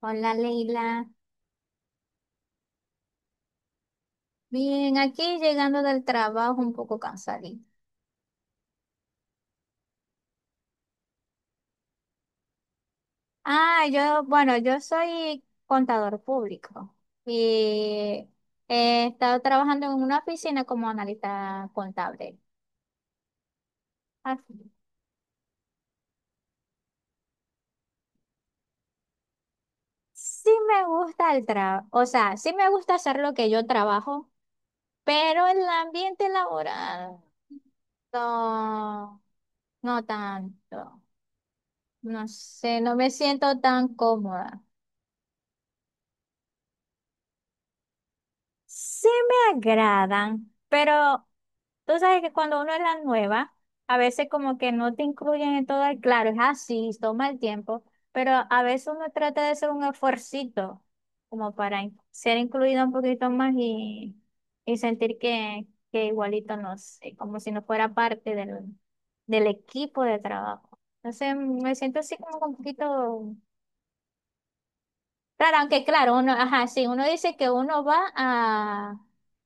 Hola Leila, bien, aquí llegando del trabajo un poco cansadita. Ah, yo, bueno, yo soy contador público y he estado trabajando en una oficina como analista contable. Ah, sí me gusta el trabajo, o sea, sí me gusta hacer lo que yo trabajo, pero el ambiente laboral no, no tanto. No sé, no me siento tan cómoda. Sí me agradan, pero tú sabes que cuando uno es la nueva, a veces como que no te incluyen en todo el claro, es así, toma el tiempo, pero a veces uno trata de hacer un esfuercito como para ser incluido un poquito más y sentir que igualito no sé, como si no fuera parte del equipo de trabajo. Entonces me siento así como un poquito claro, aunque claro, uno, ajá, sí, uno dice que uno va a,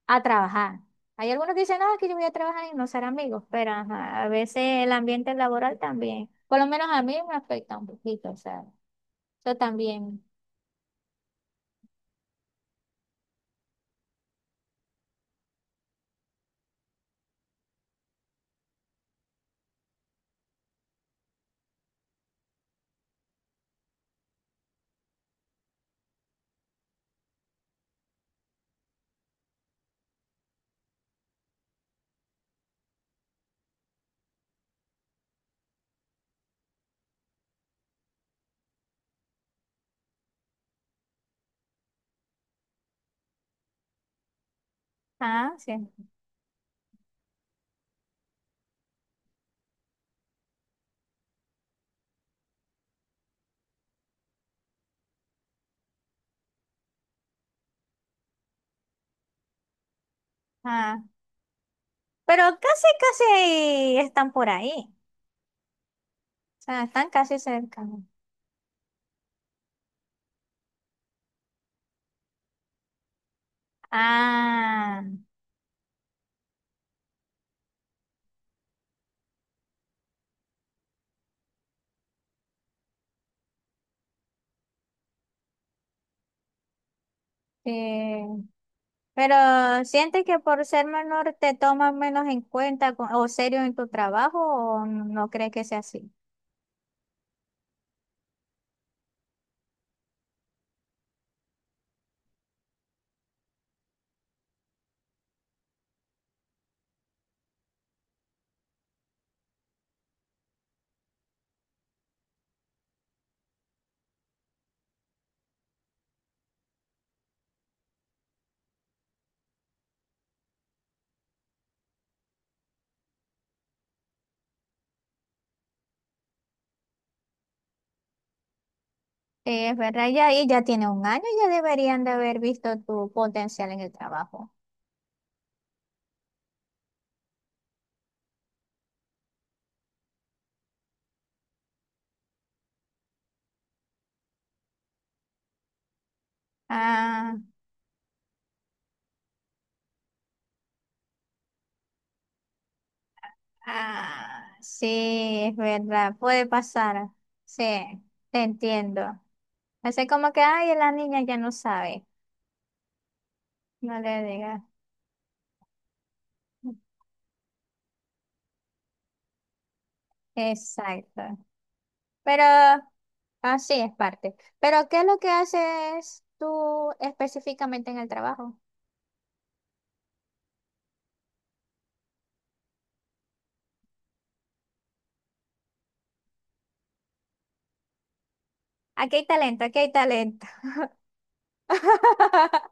a trabajar. Hay algunos que dicen, no, que yo voy a trabajar y no ser amigos, pero ajá, a veces el ambiente laboral también, por lo menos a mí me afecta un poquito, o sea, yo también. Ah, sí. Ah, pero casi, casi están por ahí. O sea, están casi cerca. Ah, sí. Pero ¿sientes que por ser menor te toman menos en cuenta o serio en tu trabajo o no crees que sea así? Sí, es verdad, ya ahí ya tiene un año, ya deberían de haber visto tu potencial en el trabajo. Ah, ah, sí, es verdad, puede pasar. Sí, te entiendo. Así como que, ay, la niña ya no sabe, no le digas. Exacto. Pero así es parte. Pero, ¿qué es lo que haces tú específicamente en el trabajo? Aquí hay talento, aquí hay talento.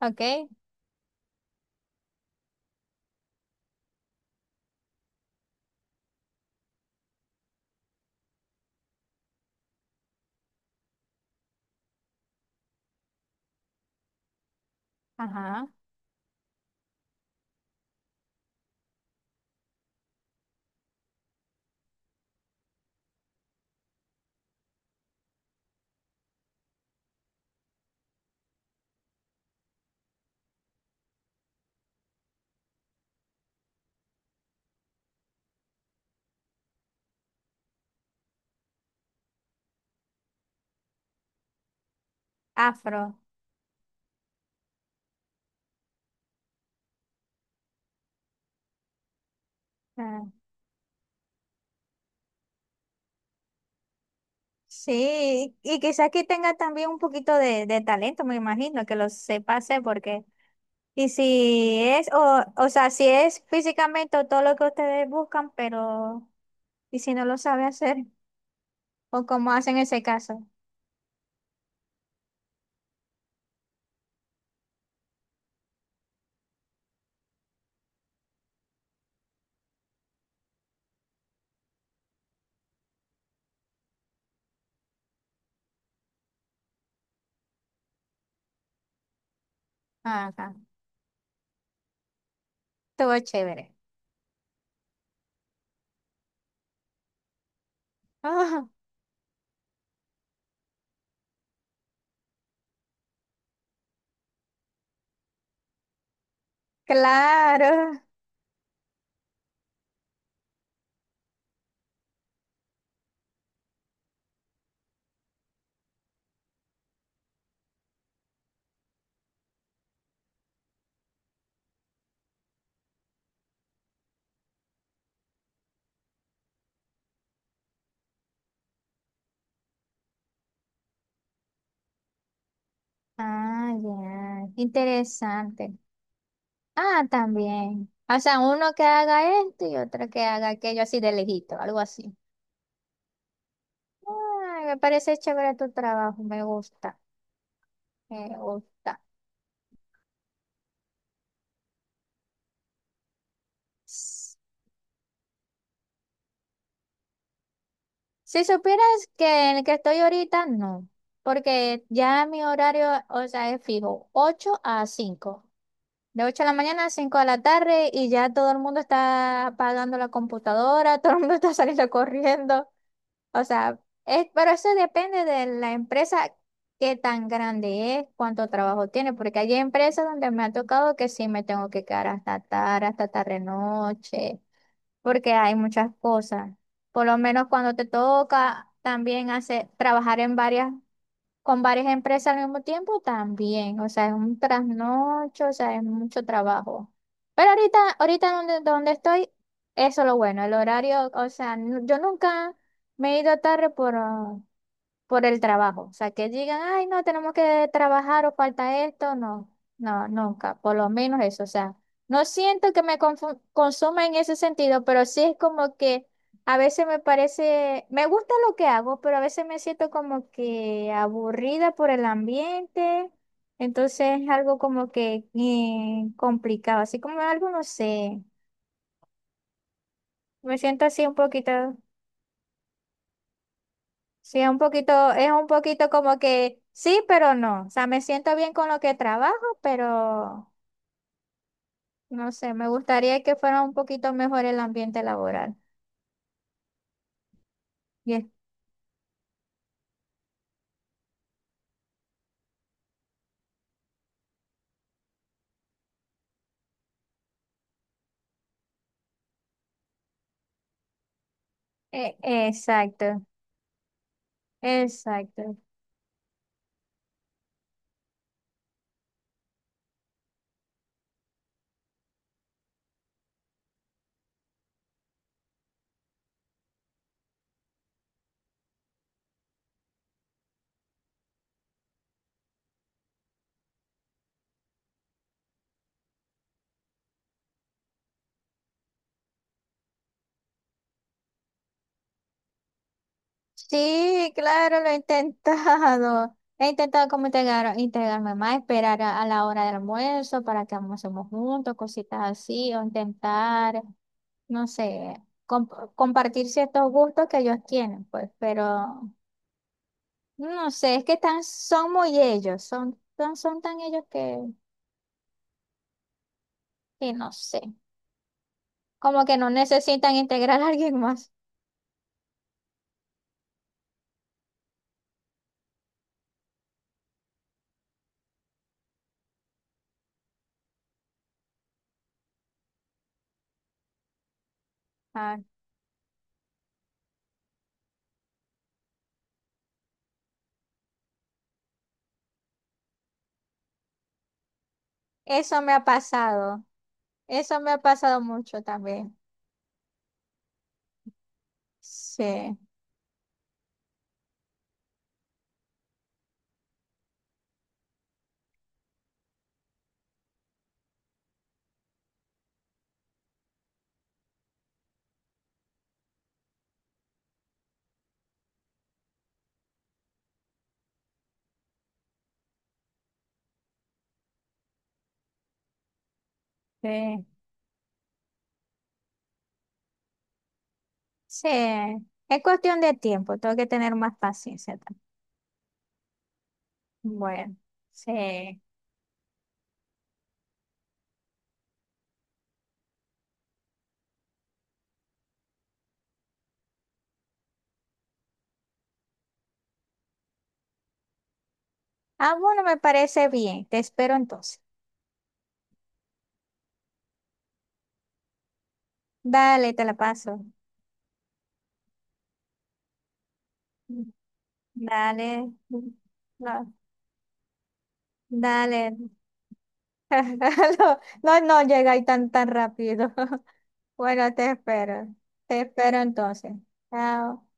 Ok, ajá, afro. Ah, sí, y quizás que tenga también un poquito de talento, me imagino, que lo sepa hacer, porque, y si es, o sea, si es físicamente todo lo que ustedes buscan, pero, y si no lo sabe hacer, o cómo hacen ese caso. Ajá, todo chévere. Ah, claro. Ah, ya, interesante. Ah, también. O sea, uno que haga esto y otro que haga aquello así de lejito, algo así. Ah, me parece chévere tu trabajo, me gusta. Me gusta. Si supieras que en el que estoy ahorita, no, porque ya mi horario, o sea, es fijo, 8 a 5, de 8 de la mañana a 5 de la tarde y ya todo el mundo está apagando la computadora, todo el mundo está saliendo corriendo, o sea, pero eso depende de la empresa, qué tan grande es, cuánto trabajo tiene, porque hay empresas donde me ha tocado que sí me tengo que quedar hasta tarde noche. Porque hay muchas cosas. Por lo menos cuando te toca también hacer, trabajar en varias, con varias empresas al mismo tiempo, también. O sea, es un trasnocho, o sea, es mucho trabajo. Pero ahorita, ahorita donde, donde estoy, eso es lo bueno, el horario, o sea, yo nunca me he ido tarde por, ah, por el trabajo. O sea, que digan, ay, no, tenemos que trabajar o falta esto. No, no, nunca, por lo menos eso. O sea, no siento que me consuma en ese sentido, pero sí es como que a veces me parece, me gusta lo que hago, pero a veces me siento como que aburrida por el ambiente. Entonces es algo como que complicado, así como algo, no sé, me siento así un poquito. Sí, es un poquito como que sí, pero no. O sea, me siento bien con lo que trabajo, pero no sé, me gustaría que fuera un poquito mejor el ambiente laboral. Bien. Exacto, exacto. Sí, claro, lo he intentado. He intentado como integrarme más, esperar a la hora del almuerzo para que almorcemos juntos, cositas así, o intentar, no sé, compartir ciertos gustos que ellos tienen, pues, pero no sé, es que tan, son muy ellos, son tan ellos que no sé, como que no necesitan integrar a alguien más. Ah, eso me ha pasado, eso me ha pasado mucho también. Sí, sí. Sí, es cuestión de tiempo, tengo que tener más paciencia también. Bueno, sí. Ah, bueno, me parece bien, te espero entonces. Dale, te la paso. Dale, no, dale. No, no, no llega ahí tan, tan rápido. Bueno, te espero. Te espero entonces. Chao.